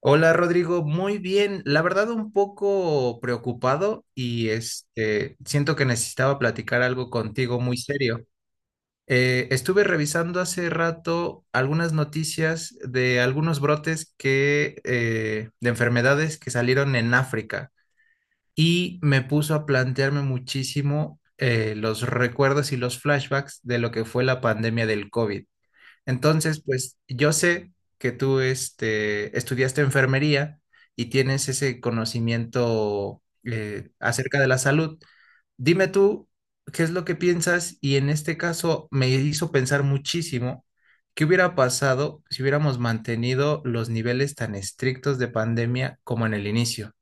Hola Rodrigo, muy bien. La verdad un poco preocupado y este siento que necesitaba platicar algo contigo muy serio. Estuve revisando hace rato algunas noticias de algunos brotes que de enfermedades que salieron en África y me puso a plantearme muchísimo los recuerdos y los flashbacks de lo que fue la pandemia del COVID. Entonces, pues yo sé que tú este, estudiaste enfermería y tienes ese conocimiento acerca de la salud. Dime tú, ¿qué es lo que piensas? Y en este caso me hizo pensar muchísimo qué hubiera pasado si hubiéramos mantenido los niveles tan estrictos de pandemia como en el inicio.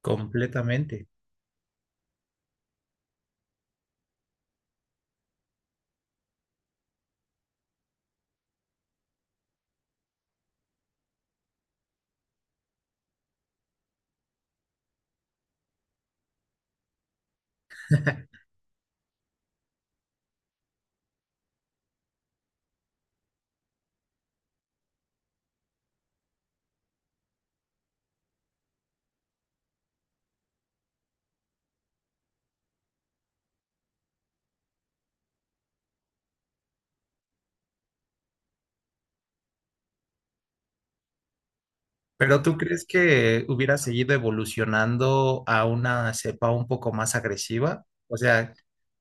Completamente. Pero ¿tú crees que hubiera seguido evolucionando a una cepa un poco más agresiva? O sea...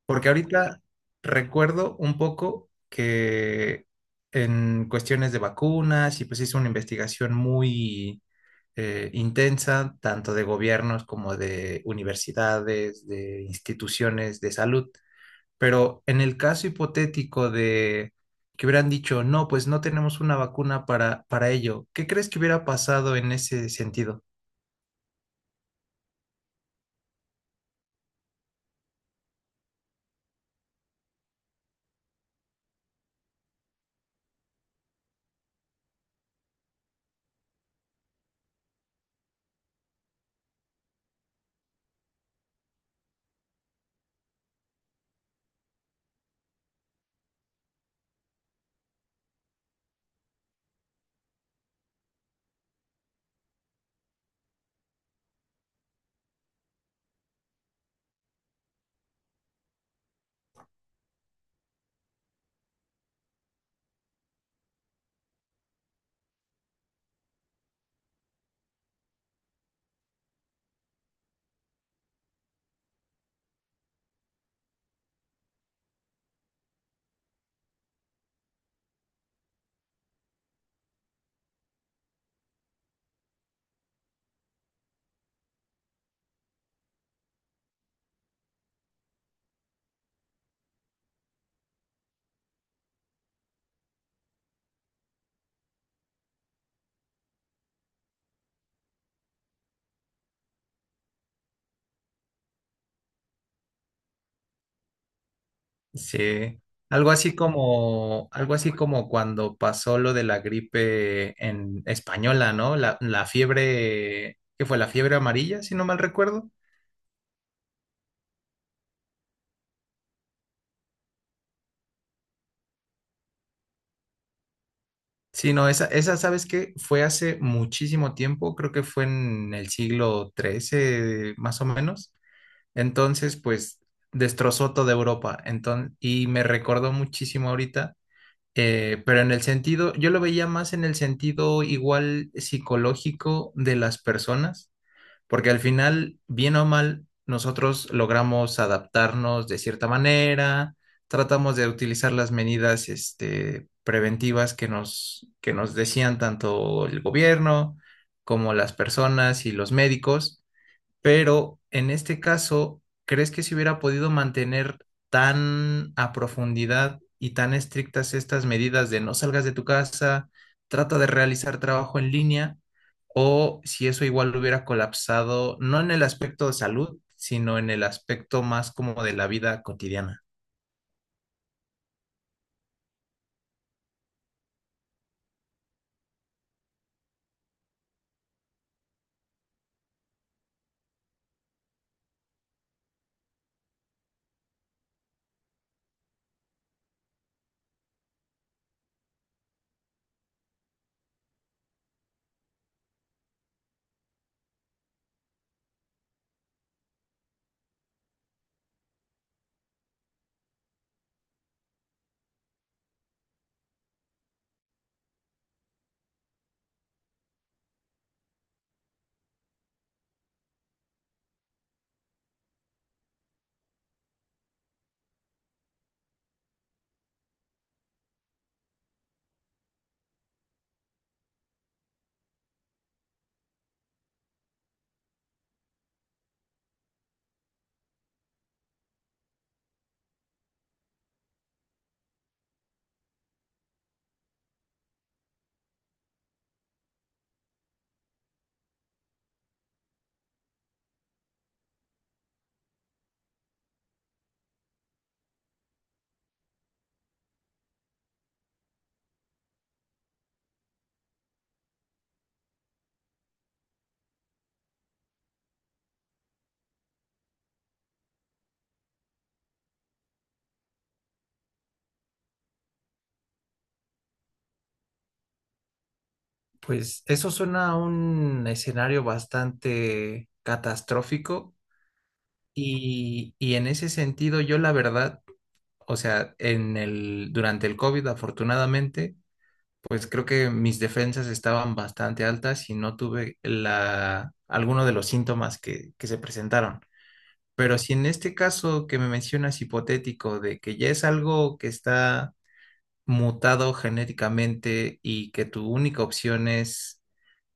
Porque ahorita recuerdo un poco que en cuestiones de vacunas y pues hizo una investigación muy intensa, tanto de gobiernos como de universidades, de instituciones de salud. Pero en el caso hipotético de que hubieran dicho, no, pues no tenemos una vacuna para ello, ¿qué crees que hubiera pasado en ese sentido? Sí, algo así como cuando pasó lo de la gripe en española, ¿no? La fiebre, ¿qué fue? La fiebre amarilla, si no mal recuerdo. Sí, no, esa, ¿sabes qué? Fue hace muchísimo tiempo, creo que fue en el siglo XIII, más o menos. Entonces, pues, destrozó toda Europa. Entonces, y me recordó muchísimo ahorita. Pero en el sentido, yo lo veía más en el sentido igual psicológico de las personas porque al final, bien o mal, nosotros logramos adaptarnos de cierta manera, tratamos de utilizar las medidas, este, preventivas que nos decían tanto el gobierno como las personas y los médicos, pero en este caso, ¿crees que se hubiera podido mantener tan a profundidad y tan estrictas estas medidas de no salgas de tu casa, trata de realizar trabajo en línea, o si eso igual hubiera colapsado, no en el aspecto de salud, sino en el aspecto más como de la vida cotidiana? Pues eso suena a un escenario bastante catastrófico. Y en ese sentido, yo la verdad o sea, en el, durante el COVID, afortunadamente, pues creo que mis defensas estaban bastante altas y no tuve la, alguno de los síntomas que se presentaron. Pero si en este caso que me mencionas hipotético de que ya es algo que está mutado genéticamente y que tu única opción es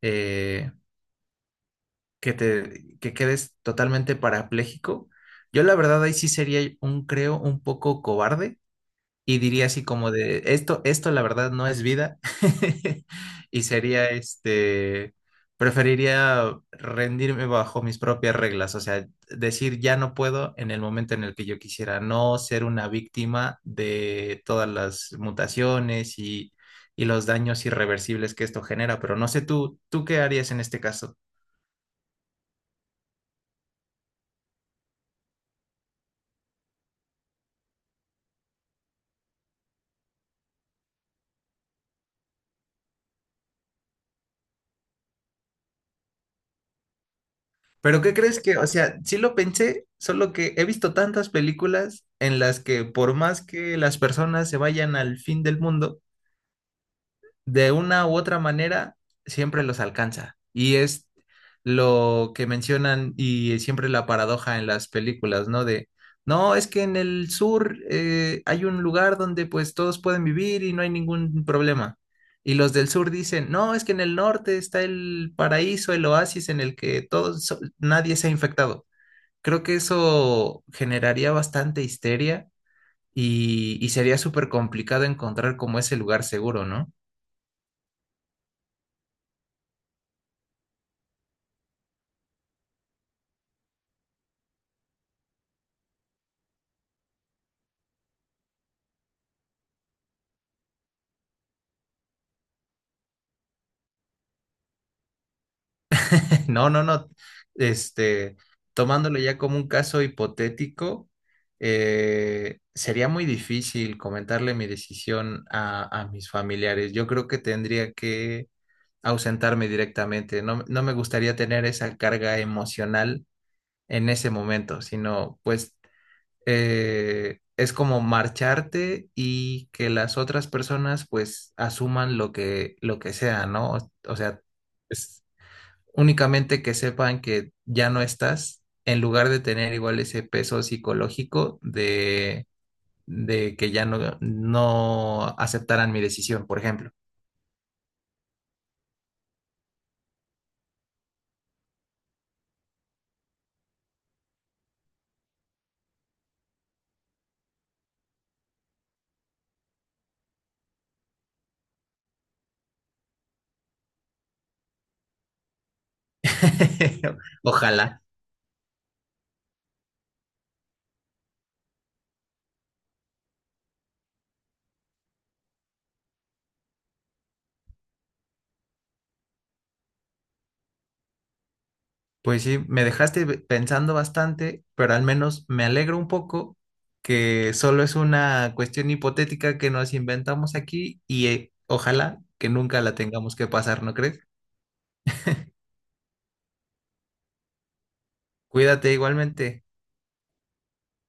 eh, que te que quedes totalmente parapléjico, yo la verdad ahí sí sería un, creo, un poco cobarde. Y diría así como de, esto la verdad no es vida. Y sería este, preferiría rendirme bajo mis propias reglas, o sea, decir ya no puedo en el momento en el que yo quisiera, no ser una víctima de todas las mutaciones y los daños irreversibles que esto genera. Pero no sé tú, ¿tú qué harías en este caso? Pero ¿qué crees que, o sea, sí lo pensé, solo que he visto tantas películas en las que por más que las personas se vayan al fin del mundo, de una u otra manera, siempre los alcanza. Y es lo que mencionan y siempre la paradoja en las películas, ¿no? De, no, es que en el sur hay un lugar donde pues todos pueden vivir y no hay ningún problema. Y los del sur dicen, no, es que en el norte está el paraíso, el oasis en el que todos, nadie se ha infectado. Creo que eso generaría bastante histeria y sería súper complicado encontrar como ese lugar seguro, ¿no? No, no, no. Este, tomándolo ya como un caso hipotético, sería muy difícil comentarle mi decisión a mis familiares. Yo creo que tendría que ausentarme directamente. No, no me gustaría tener esa carga emocional en ese momento, sino pues es como marcharte y que las otras personas pues asuman lo lo que sea, ¿no? O sea, es únicamente que sepan que ya no estás, en lugar de tener igual ese peso psicológico de que ya no, no aceptaran mi decisión, por ejemplo. Ojalá. Pues sí, me dejaste pensando bastante, pero al menos me alegro un poco que solo es una cuestión hipotética que nos inventamos aquí y ojalá que nunca la tengamos que pasar, ¿no crees? Cuídate igualmente.